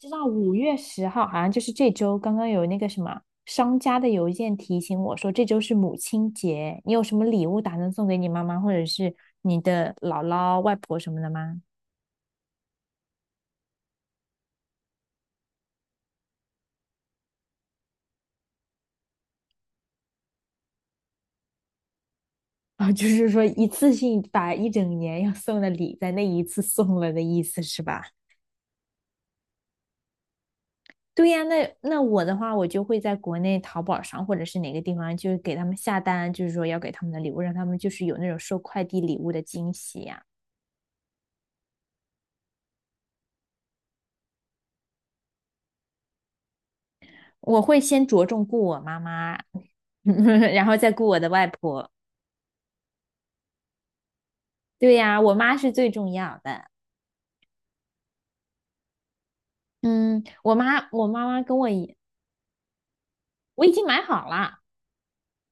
知道五月十号好像就是这周，刚刚有那个什么商家的邮件提醒我说这周是母亲节，你有什么礼物打算送给你妈妈或者是你的姥姥、外婆什么的吗？啊，就是说一次性把一整年要送的礼在那一次送了的意思是吧？对呀，那我的话，我就会在国内淘宝上或者是哪个地方，就是给他们下单，就是说要给他们的礼物，让他们就是有那种收快递礼物的惊喜呀。我会先着重顾我妈妈 然后再顾我的外婆。对呀，啊我妈是最重要的。嗯，我妈妈跟我一，我已经买好了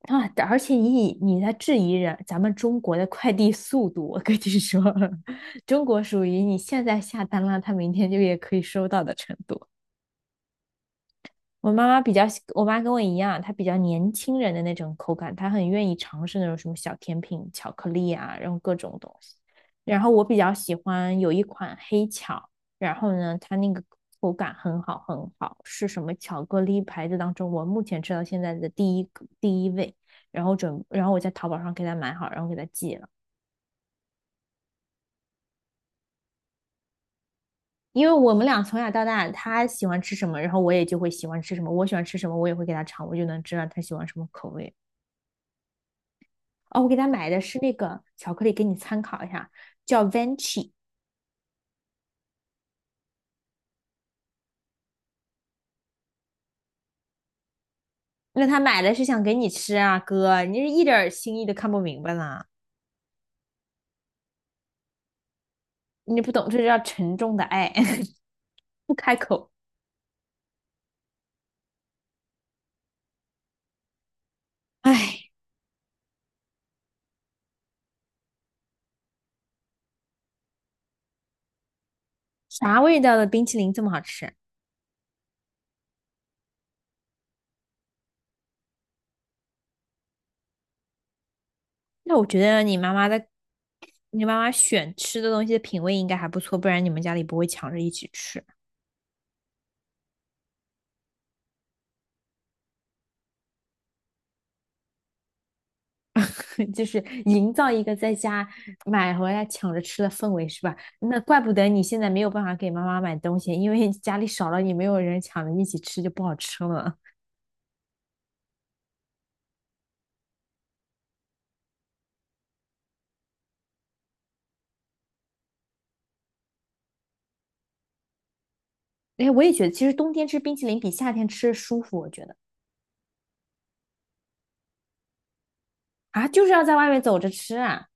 啊。而且你在质疑人，咱们中国的快递速度，我跟你说，中国属于你现在下单了，他明天就也可以收到的程度。我妈跟我一样，她比较年轻人的那种口感，她很愿意尝试那种什么小甜品、巧克力啊，然后各种东西。然后我比较喜欢有一款黑巧，然后呢，它那个口感很好很好，是什么巧克力牌子当中我目前吃到现在的第一位。然后准，然后我在淘宝上给她买好，然后给她寄了。因为我们俩从小到大，她喜欢吃什么，然后我也就会喜欢吃什么。我喜欢吃什么，我也会给她尝，我就能知道她喜欢什么口味。哦，我给他买的是那个巧克力，给你参考一下，叫 Venti。那他买的是想给你吃啊，哥，你是一点儿心意都看不明白呢，你不懂，这叫沉重的爱，不开口。唉，啥味道的冰淇淋这么好吃？那我觉得你妈妈的，你妈妈选吃的东西的品味应该还不错，不然你们家里不会抢着一起吃。就是营造一个在家买回来抢着吃的氛围，是吧？那怪不得你现在没有办法给妈妈买东西，因为家里少了你，没有人抢着一起吃，就不好吃了。哎，我也觉得，其实冬天吃冰淇淋比夏天吃舒服，我觉得啊，就是要在外面走着吃啊，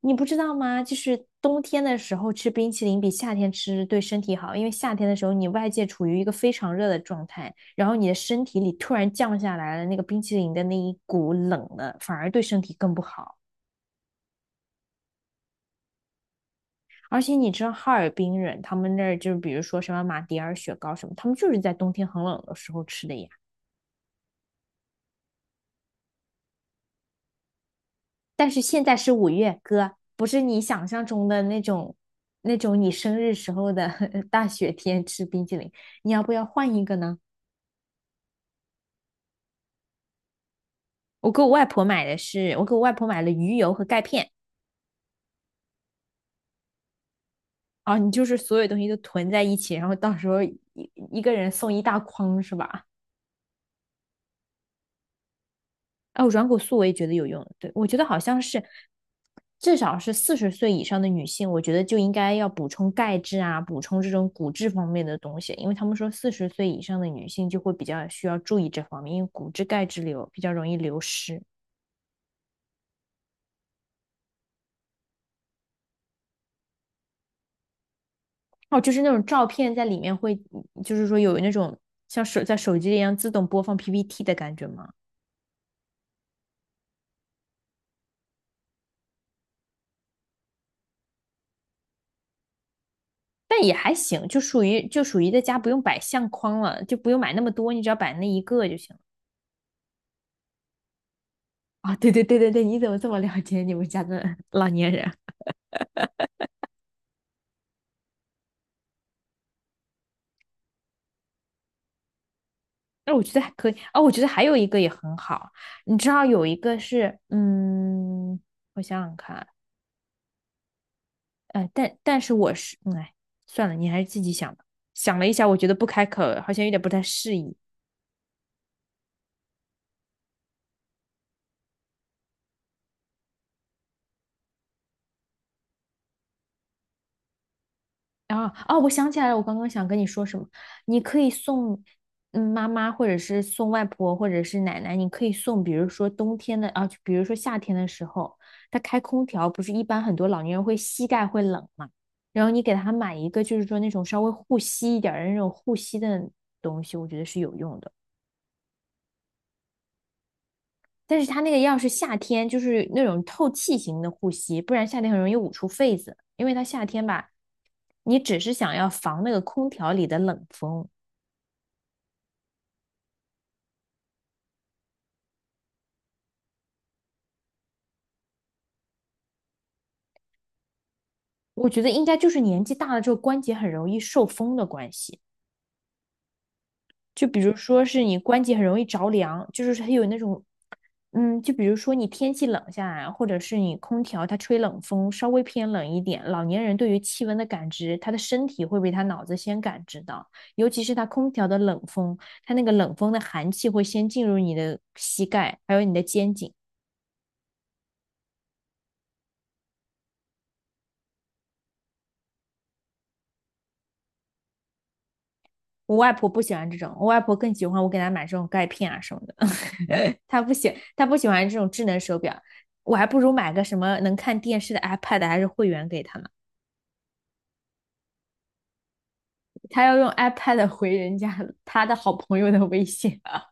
你不知道吗？就是冬天的时候吃冰淇淋比夏天吃对身体好，因为夏天的时候你外界处于一个非常热的状态，然后你的身体里突然降下来了那个冰淇淋的那一股冷的，反而对身体更不好。而且你知道哈尔滨人，他们那儿就是比如说什么马迭尔雪糕什么，他们就是在冬天很冷的时候吃的呀。但是现在是五月，哥，不是你想象中的那种那种你生日时候的 大雪天吃冰淇淋。你要不要换一个呢？我给我外婆买的是，我给我外婆买了鱼油和钙片。啊，你就是所有东西都囤在一起，然后到时候一个人送一大筐是吧？哦，软骨素我也觉得有用。对，我觉得好像是至少是四十岁以上的女性，我觉得就应该要补充钙质啊，补充这种骨质方面的东西，因为他们说四十岁以上的女性就会比较需要注意这方面，因为骨质钙质流比较容易流失。哦，就是那种照片在里面会，就是说有那种像手在手机一样自动播放 PPT 的感觉吗？但也还行，就属于在家不用摆相框了，就不用买那么多，你只要摆那一个就行。啊，对对对对对，你怎么这么了解你们家的老年人？那我觉得还可以啊，我觉得还有一个也很好，你知道有一个是，我想想看，但是我是，嗯哎，算了，你还是自己想吧。想了一下，我觉得不开口好像有点不太适宜。啊哦，我想起来了，我刚刚想跟你说什么？你可以送嗯妈妈，或者是送外婆，或者是奶奶。你可以送，比如说冬天的啊，就比如说夏天的时候，他开空调，不是一般很多老年人会膝盖会冷嘛？然后你给他买一个，就是说那种稍微护膝一点儿的那种护膝的东西，我觉得是有用的。但是它那个要是夏天，就是那种透气型的护膝，不然夏天很容易捂出痱子，因为它夏天吧，你只是想要防那个空调里的冷风。我觉得应该就是年纪大了之后关节很容易受风的关系，就比如说是你关节很容易着凉，就是它有那种，嗯，就比如说你天气冷下来，或者是你空调它吹冷风稍微偏冷一点，老年人对于气温的感知，他的身体会比他脑子先感知到，尤其是他空调的冷风，他那个冷风的寒气会先进入你的膝盖，还有你的肩颈。我外婆不喜欢这种，我外婆更喜欢我给她买这种钙片啊什么的。他不喜欢这种智能手表，我还不如买个什么能看电视的 iPad 还是会员给他呢。他要用 iPad 回人家他的好朋友的微信 啊，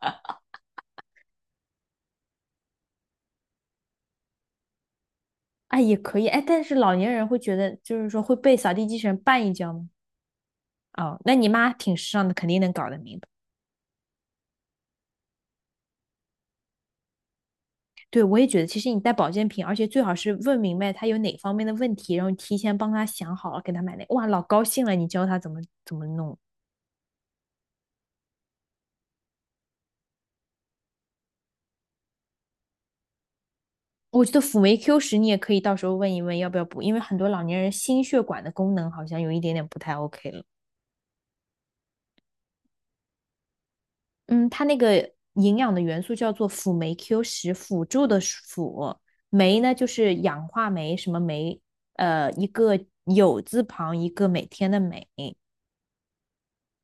哎也可以哎，但是老年人会觉得就是说会被扫地机器人绊一跤吗？哦，那你妈挺时尚的，肯定能搞得明白。对，我也觉得，其实你带保健品，而且最好是问明白他有哪方面的问题，然后提前帮他想好了给他买那。哇，老高兴了，你教他怎么怎么弄。我觉得辅酶 Q 十你也可以到时候问一问要不要补，因为很多老年人心血管的功能好像有一点点不太 OK 了。嗯，它那个营养的元素叫做辅酶 Q 十，辅助的辅，酶呢就是氧化酶，什么酶？一个有字旁，一个每天的每，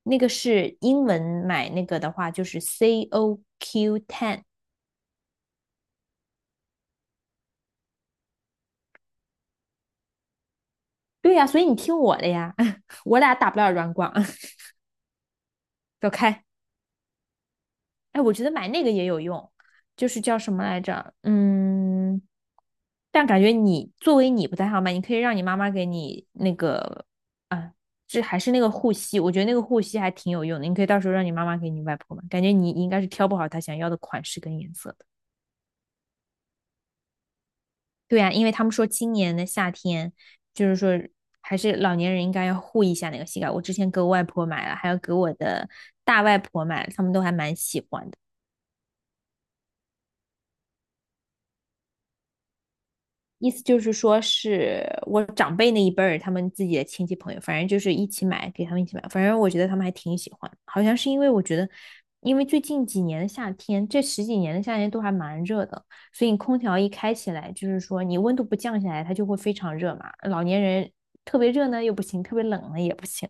那个是英文买那个的话就是 C O Q ten。对呀，啊所以你听我的呀，我俩打不了软广，走开。哎，我觉得买那个也有用，就是叫什么来着？嗯，但感觉你作为你不太好买，你可以让你妈妈给你那个啊，这还是那个护膝，我觉得那个护膝还挺有用的，你可以到时候让你妈妈给你外婆买，感觉你应该是挑不好她想要的款式跟颜色的。对呀，因为他们说今年的夏天，就是说还是老年人应该要护一下那个膝盖。我之前给我外婆买了，还有给我的大外婆买了他们都还蛮喜欢的。意思就是说是我长辈那一辈儿，他们自己的亲戚朋友，反正就是一起买，给他们一起买。反正我觉得他们还挺喜欢，好像是因为我觉得，因为最近几年的夏天，这十几年的夏天都还蛮热的，所以你空调一开起来，就是说你温度不降下来，它就会非常热嘛。老年人特别热呢又不行，特别冷呢也不行。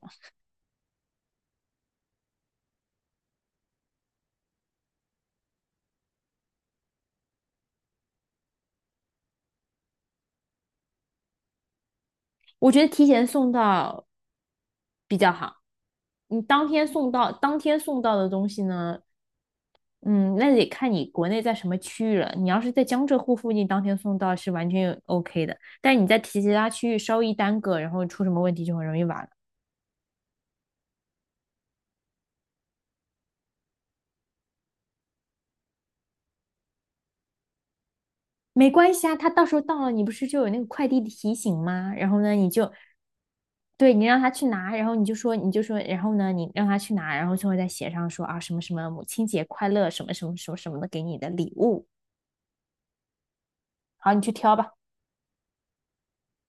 我觉得提前送到比较好。你当天送到，当天送到的东西呢，嗯，那得看你国内在什么区域了。你要是在江浙沪附近，当天送到是完全 OK 的。但是你在提其他区域稍一耽搁，然后出什么问题就很容易晚了。没关系啊，他到时候到了，你不是就有那个快递的提醒吗？然后呢，你就对你让他去拿，然后你就说，然后呢，你让他去拿，然后最后再写上说啊什么什么母亲节快乐，什么什么什么什么的给你的礼物。好，你去挑吧。